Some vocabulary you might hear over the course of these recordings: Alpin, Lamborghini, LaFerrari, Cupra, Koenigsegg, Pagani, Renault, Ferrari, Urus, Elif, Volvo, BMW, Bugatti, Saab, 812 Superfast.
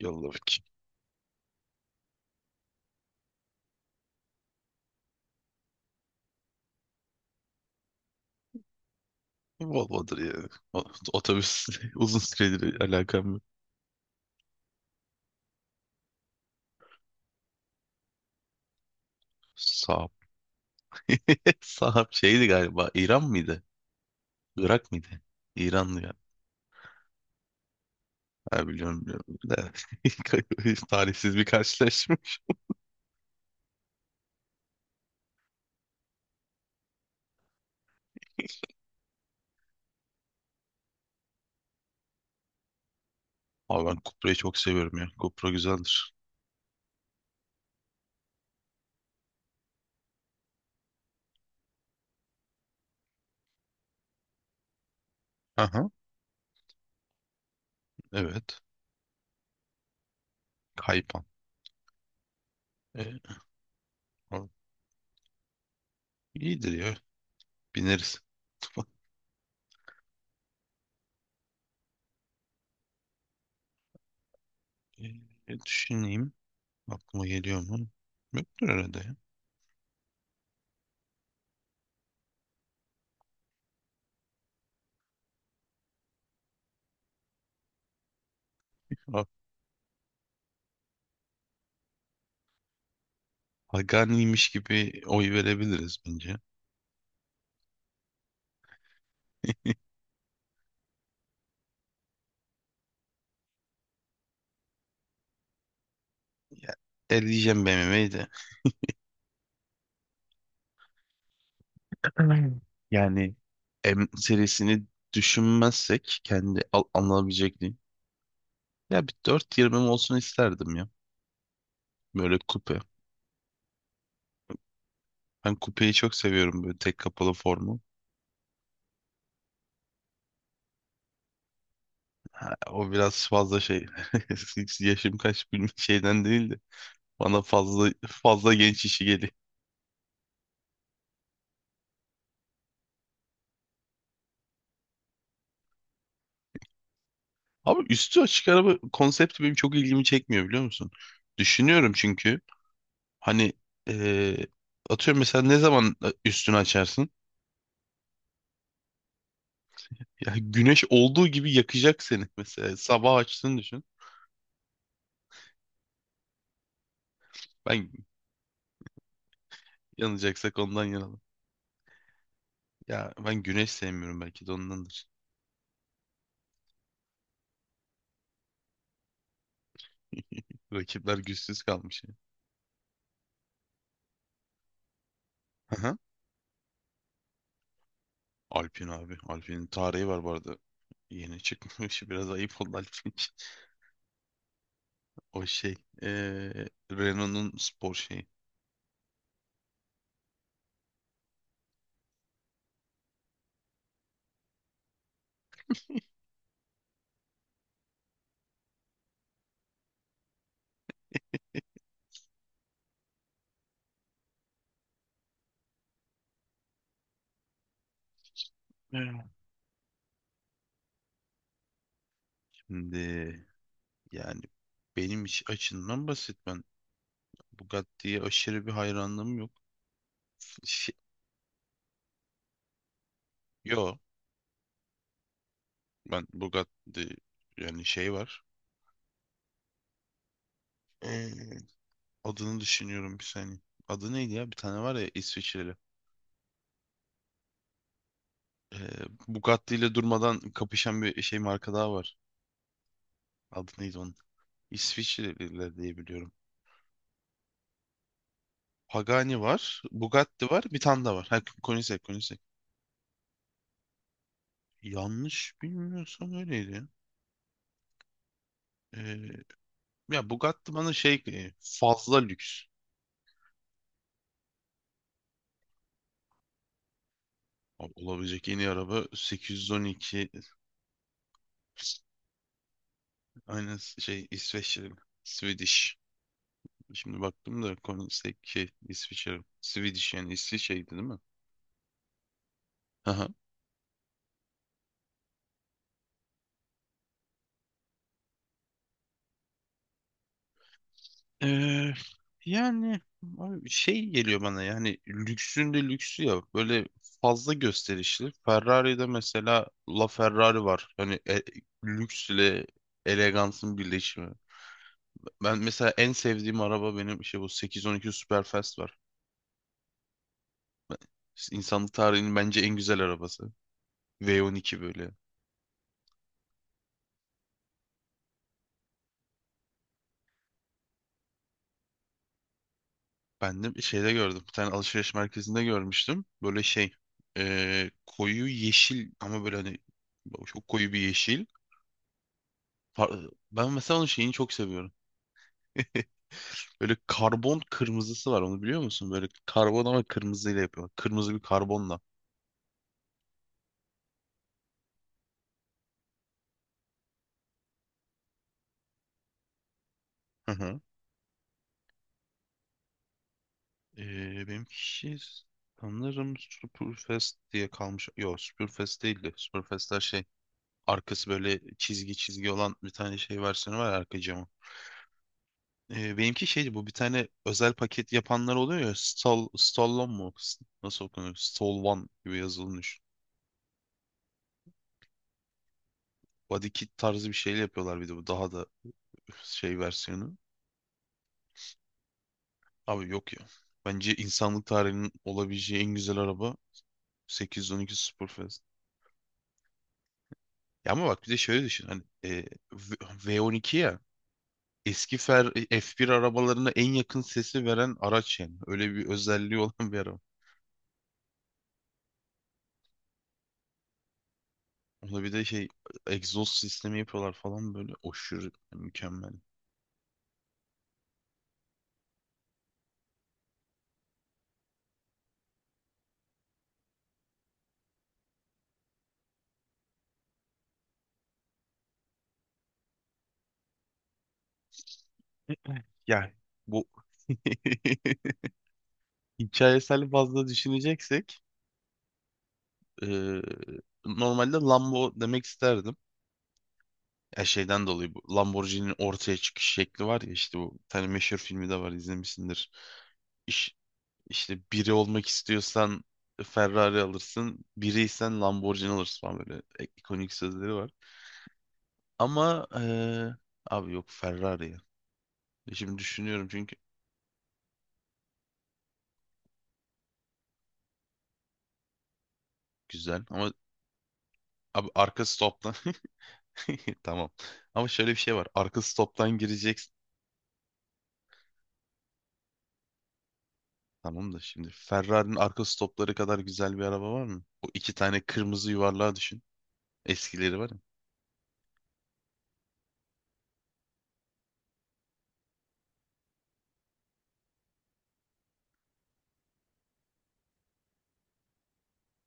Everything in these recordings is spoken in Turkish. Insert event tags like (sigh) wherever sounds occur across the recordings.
Yolla bakayım. Volvo'dur ya. O- Otobüs (laughs) uzun süredir alakam yok. Saab. (laughs) Saab şeydi galiba. İran mıydı? Irak mıydı? İranlı ya. Ha, biliyorum biliyorum. Da. (laughs) Talihsiz bir karşılaşma. (laughs) Abi ben Cupra'yı çok seviyorum ya. Cupra güzeldir. Aha, evet. Kaypan. E, o- iyidir ya. Bineriz. (laughs) Düşüneyim. Aklıma geliyor mu? Yoktur herhalde ya. Ha, Pagani'ymiş gibi oy verebiliriz bence. Ya, eleyeceğim BMW'yi de. (clears throat) (laughs) Yani M serisini düşünmezsek kendi alınabilecekliği. Ya bir 420 olsun isterdim ya. Böyle kupe. Ben kupeyi çok seviyorum böyle tek kapalı formu. Ha, o biraz fazla şey. (laughs) Yaşım kaç bilmem şeyden değil de. Bana fazla fazla genç işi geliyor. Abi üstü açık araba konsepti benim çok ilgimi çekmiyor biliyor musun? Düşünüyorum çünkü hani eee, atıyorum mesela ne zaman üstünü açarsın? Ya güneş olduğu gibi yakacak seni mesela. Sabah açtığını düşün. Ben yanacaksak ondan yanalım. Ya ben güneş sevmiyorum belki de ondandır. Rakipler güçsüz kalmış ya. Aha. Alpin abi. Alpin'in tarihi var bu arada. Yeni çıkmış. (laughs) Biraz ayıp oldu Alpin için. O şey. Renault'un spor şeyi. Evet. Şimdi yani benim iş açımdan basit. Ben Bugatti'ye aşırı bir hayranlığım yok. Şey, yo ben Bugatti yani şey var. Adını düşünüyorum bir saniye. Adı neydi ya? Bir tane var ya İsviçreli. Ee, Bugatti ile durmadan kapışan bir şey marka daha var. Adı neydi onun? İsviçreliler diye biliyorum. Pagani var, Bugatti var, bir tane daha var. Ha, Koenigsegg, Koenigsegg. Yanlış bilmiyorsam öyleydi. Ya. Ee, ya Bugatti bana şey fazla lüks. Abi, olabilecek en iyi araba 812. Aynen şey İsveçli. Swedish. Şimdi baktım da Koenigsegg şey İsviçre, Swedish yani İsviçre'ydi değil mi? Aha. Ee, yani abi şey geliyor bana yani lüksün de lüksü ya böyle fazla gösterişli. Ferrari'de mesela LaFerrari var. Hani lüks elegansın birleşimi. Ben mesela en sevdiğim araba benim şey bu 812 Superfast var. İnsanlık tarihinin bence en güzel arabası. V12 böyle. Ben de bir şeyde gördüm. Bir tane alışveriş merkezinde görmüştüm. Böyle şey koyu yeşil ama böyle hani çok koyu bir yeşil. Ben mesela onun şeyini çok seviyorum. Böyle karbon kırmızısı var onu biliyor musun? Böyle karbon ama kırmızıyla yapıyor. Kırmızı bir karbonla. Hı hı. Benimki sanırım Superfest diye kalmış. Yok Superfest değildi. Superfest'ler şey arkası böyle çizgi çizgi olan bir tane şey versiyonu var ya, arka camı. Benimki şeydi bu bir tane özel paket yapanlar oluyor ya Stall, Stallone mu? Nasıl okunuyor? Stallone gibi yazılmış. Body kit tarzı bir şeyle yapıyorlar bir de bu daha da üf, şey versiyonu. Abi yok ya. Bence insanlık tarihinin olabileceği en güzel araba 812 Superfast. Ya ama bak bir de şöyle düşün hani V- V12 ya eski Fer- F1 arabalarına en yakın sesi veren araç yani. Öyle bir özelliği olan bir araba. Orada bir de şey egzoz sistemi yapıyorlar falan böyle aşırı mükemmel. Yani bu (laughs) hikayesel fazla düşüneceksek eee, normalde Lambo demek isterdim. Ya şeyden dolayı bu Lamborghini'nin ortaya çıkış şekli var ya işte bu bir tane meşhur filmi de var izlemişsindir. İş, işte biri olmak istiyorsan Ferrari alırsın, biriysen Lamborghini alırsın falan böyle ikonik sözleri var. Ama abi yok Ferrari ya. Şimdi düşünüyorum çünkü güzel. Ama abi arka stoptan (laughs) tamam. Ama şöyle bir şey var. Arka stoptan gireceksin. Tamam da şimdi Ferrari'nin arka stopları kadar güzel bir araba var mı? O iki tane kırmızı yuvarlağı düşün. Eskileri var ya.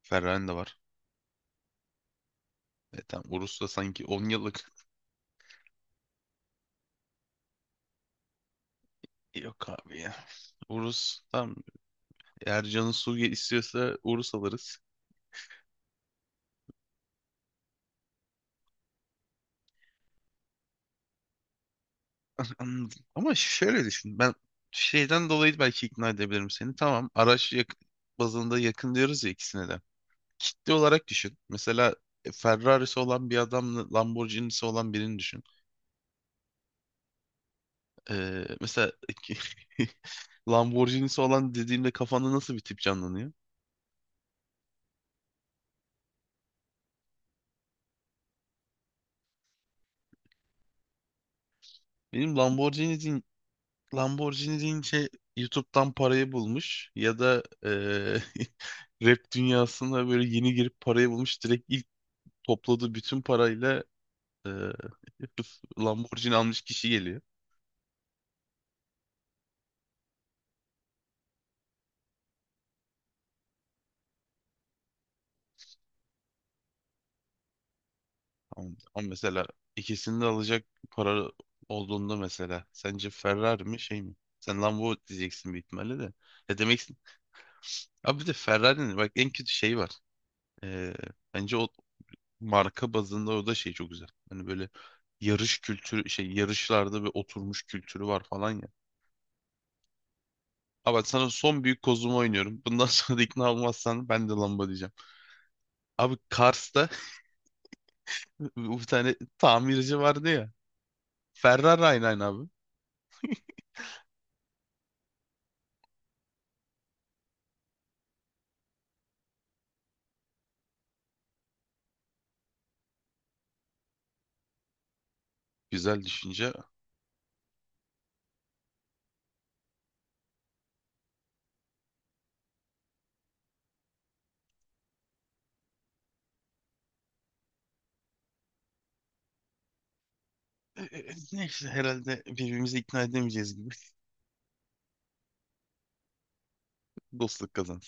Ferrari'nin de var. E tamam Urus da sanki 10 yıllık. (laughs) Yok abi ya. Urus tam Ercan'ın su istiyorsa Urus alırız. (laughs) Anladım. Ama şöyle düşün. Ben şeyden dolayı belki ikna edebilirim seni. Tamam bazında yakın diyoruz ya ikisine de. Kitle olarak düşün. Mesela Ferrari'si olan bir adamla Lamborghini'si olan birini düşün. Mesela (laughs) Lamborghini'si olan dediğimde kafanda nasıl bir tip canlanıyor? Benim Lamborghini deyin- Lamborghini deyince YouTube'dan parayı bulmuş ya da (laughs) rap dünyasına böyle yeni girip parayı bulmuş direkt ilk topladığı bütün parayla eee, (laughs) Lamborghini almış kişi geliyor. Ama ama mesela ikisini de alacak para olduğunda mesela sence Ferrari mi şey mi? Sen Lambo diyeceksin büyük ihtimalle de. Ya demeksin. Abi bir de Ferrari'nin bak en kötü şey var. Ee, bence o marka bazında o da şey çok güzel. Hani böyle yarış kültürü şey yarışlarda bir oturmuş kültürü var falan ya. Abi bak sana son büyük kozumu oynuyorum. Bundan (laughs) sonra da ikna olmazsan ben de Lambo diyeceğim. Abi Kars'ta (laughs) bir tane tamirci vardı ya. Ferrari aynı aynı abi. Güzel düşünce. Neyse herhalde birbirimizi ikna edemeyeceğiz gibi. (laughs) Dostluk kazandı.